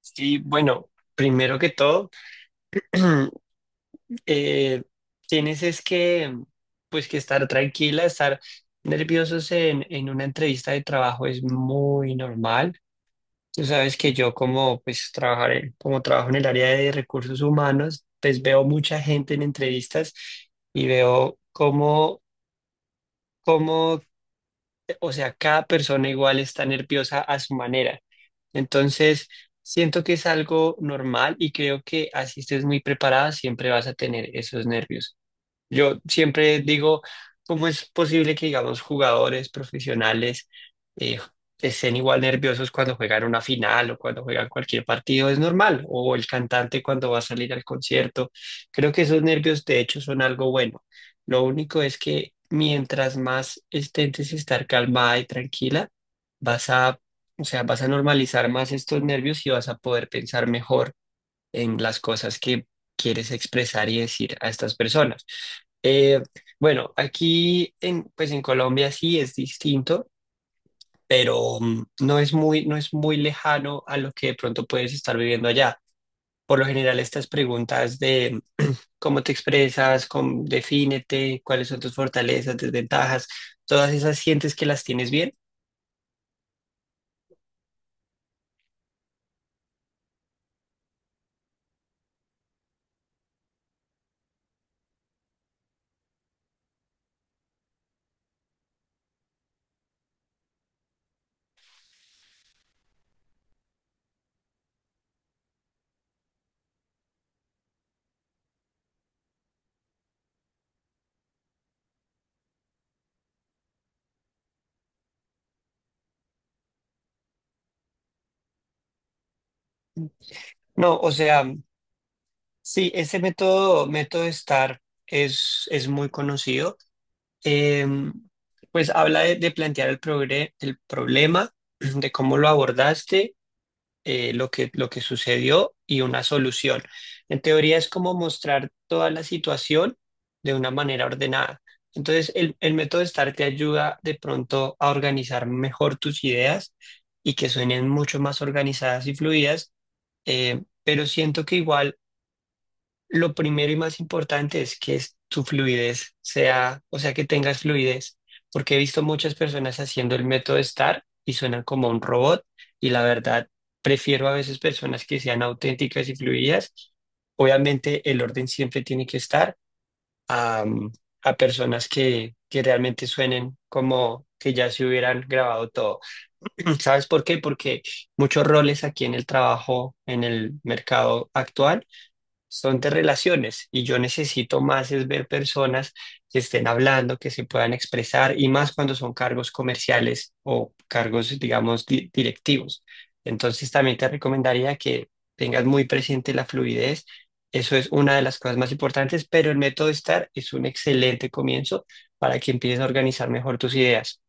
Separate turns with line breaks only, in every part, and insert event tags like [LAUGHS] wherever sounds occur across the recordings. Sí, bueno, primero que todo, [CLEARS THROAT] eh, tienes es que, pues que estar tranquila, estar nerviosos en una entrevista de trabajo es muy normal. Tú sabes que yo como, pues, como trabajo en el área de recursos humanos, pues veo mucha gente en entrevistas y veo cómo, o sea, cada persona igual está nerviosa a su manera. Entonces, siento que es algo normal y creo que así estés muy preparada, siempre vas a tener esos nervios. Yo siempre digo, ¿cómo es posible que, digamos, jugadores profesionales eh, estén igual nerviosos cuando juegan una final o cuando juegan cualquier partido? Es normal. O el cantante cuando va a salir al concierto. Creo que esos nervios, de hecho, son algo bueno. Lo único es que mientras más intentes estar calmada y tranquila, vas a, o sea, vas a normalizar más estos nervios y vas a poder pensar mejor en las cosas que quieres expresar y decir a estas personas. Eh, bueno, pues en Colombia sí es distinto, pero no es muy, no es muy lejano a lo que de pronto puedes estar viviendo allá. Por lo general, estas preguntas de cómo te expresas, cómo, defínete, cuáles son tus fortalezas, desventajas, todas esas sientes que las tienes bien. No, o sea, mm, sí, ese método, método de estar es muy conocido. Em, pues habla de plantear el problema, [CLEARS THROAT] de cómo lo abordaste, lo que sucedió y una solución. En teoría es como mostrar toda la situación de una manera ordenada. Entonces, el método STAR te ayuda de pronto a organizar mejor tus ideas y que suenen mucho más organizadas y fluidas, pero siento que igual lo primero y más importante es que tu fluidez sea, o sea, que tengas fluidez, porque he visto muchas personas haciendo el método STAR y suenan como un robot y la verdad prefiero a veces personas que sean auténticas y fluidas. Obviamente el orden siempre tiene que estar a, a personas que realmente suenen como que ya se hubieran grabado todo. [CLEARS THROAT] ¿Sabes por qué? Porque muchos roles aquí en el trabajo, en el mercado actual, son de relaciones y yo necesito más es ver personas que estén hablando, que se puedan expresar y más cuando son cargos comerciales o cargos, digamos, directivos. Entonces también te recomendaría que tengas muy presente la fluidez. Eso es una de las cosas más importantes, pero el método STAR es un excelente comienzo para que empieces a organizar mejor tus ideas.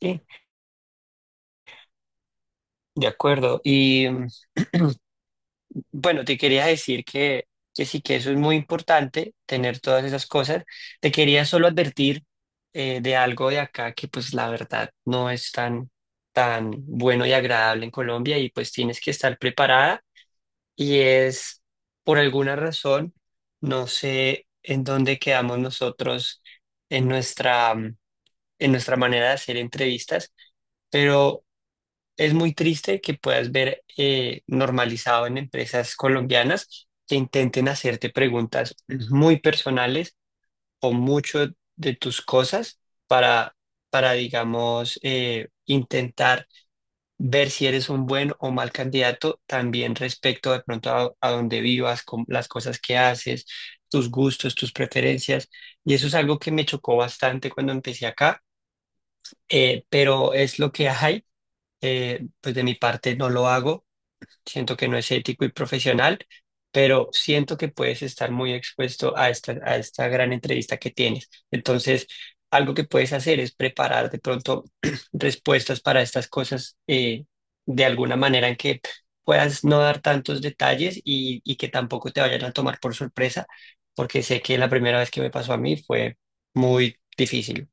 Sí, de acuerdo. Y bueno, te quería decir que sí que eso es muy importante, tener todas esas cosas. Te quería solo advertir de algo de acá que pues la verdad no es tan, tan bueno y agradable en Colombia y pues tienes que estar preparada y es por alguna razón, no sé en dónde quedamos nosotros en nuestra, mm, en nuestra manera de hacer entrevistas, pero es muy triste que puedas ver normalizado en empresas colombianas que intenten hacerte preguntas muy personales o mucho de tus cosas para, para digamos, intentar ver si eres un buen o mal candidato también respecto de pronto a dónde vivas, con las cosas que haces, tus gustos, tus preferencias. Y eso es algo que me chocó bastante cuando empecé acá, pero es lo que hay. Pues de mi parte no lo hago siento que no es ético y profesional, pero siento que puedes estar muy expuesto a esta gran entrevista que tienes. Entonces, algo que puedes hacer es preparar de pronto [CLEARS THROAT] respuestas para estas cosas de alguna manera en que puedas no dar tantos detalles y que tampoco te vayan a tomar por sorpresa, porque sé que la primera vez que me pasó a mí fue muy difícil.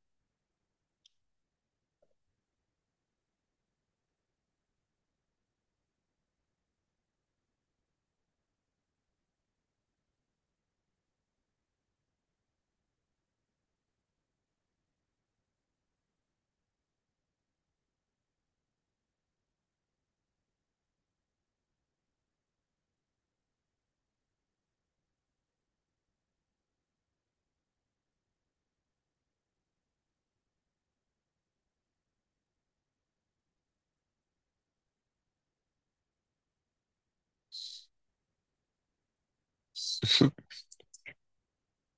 [LAUGHS]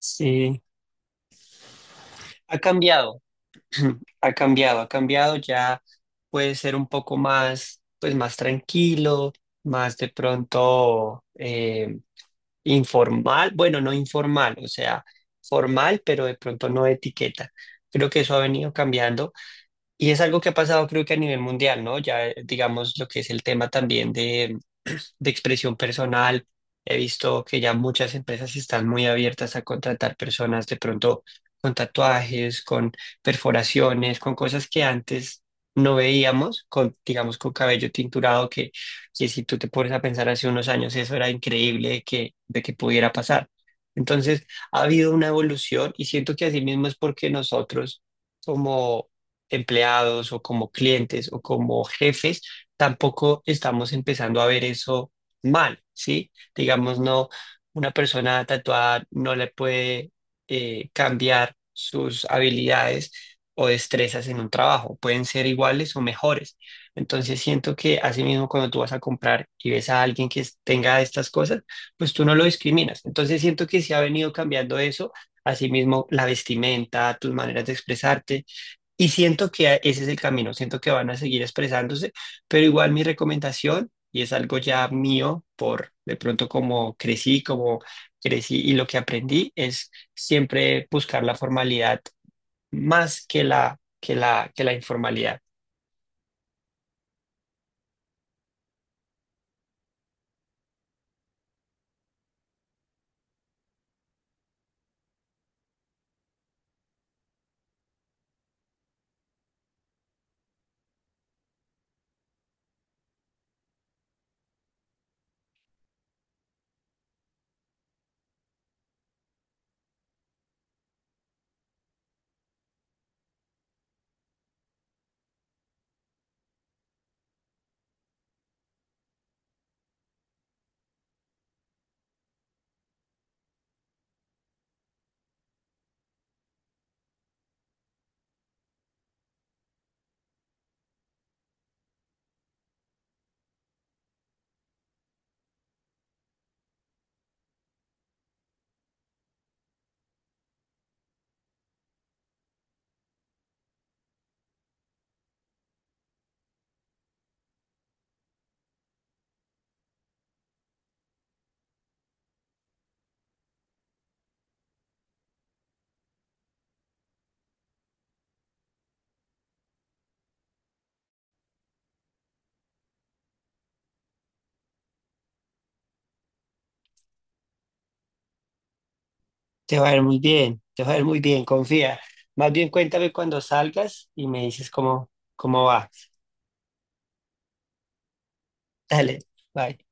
Sí, ha cambiado. [CLEARS THROAT] Ha cambiado, ya puede ser un poco más, pues más tranquilo, más de pronto informal, bueno, no informal, o sea, formal, pero de pronto no etiqueta. Creo que eso ha venido cambiando. Y es algo que ha pasado creo que a nivel mundial, ¿no? Ya digamos lo que es el tema también de, [CLEARS THROAT] de expresión personal. He visto que ya muchas empresas están muy abiertas a contratar personas de pronto con tatuajes, con perforaciones, con cosas que antes no veíamos, con, digamos, con cabello tinturado, que si tú te pones a pensar hace unos años, eso era increíble de que pudiera pasar. Entonces, ha habido una evolución y siento que así mismo es porque nosotros como empleados o como clientes o como jefes, tampoco estamos empezando a ver eso mal, ¿sí? Digamos, no, una persona tatuada no le puede cambiar sus habilidades o destrezas en un trabajo, pueden ser iguales o mejores. Entonces siento que así mismo cuando tú vas a comprar y ves a alguien que tenga estas cosas, pues tú no lo discriminas. Entonces siento que sí ha venido cambiando eso, así mismo la vestimenta, tus maneras de expresarte. Y siento que ese es el camino, siento que van a seguir expresándose, pero igual mi recomendación, y es algo ya mío por de pronto como crecí y lo que aprendí, es siempre buscar la formalidad más que la, que la, que la informalidad. Te va a ir muy bien, te va a ir muy bien, confía. Más bien cuéntame cuando salgas y me dices cómo, cómo va. Dale, bye.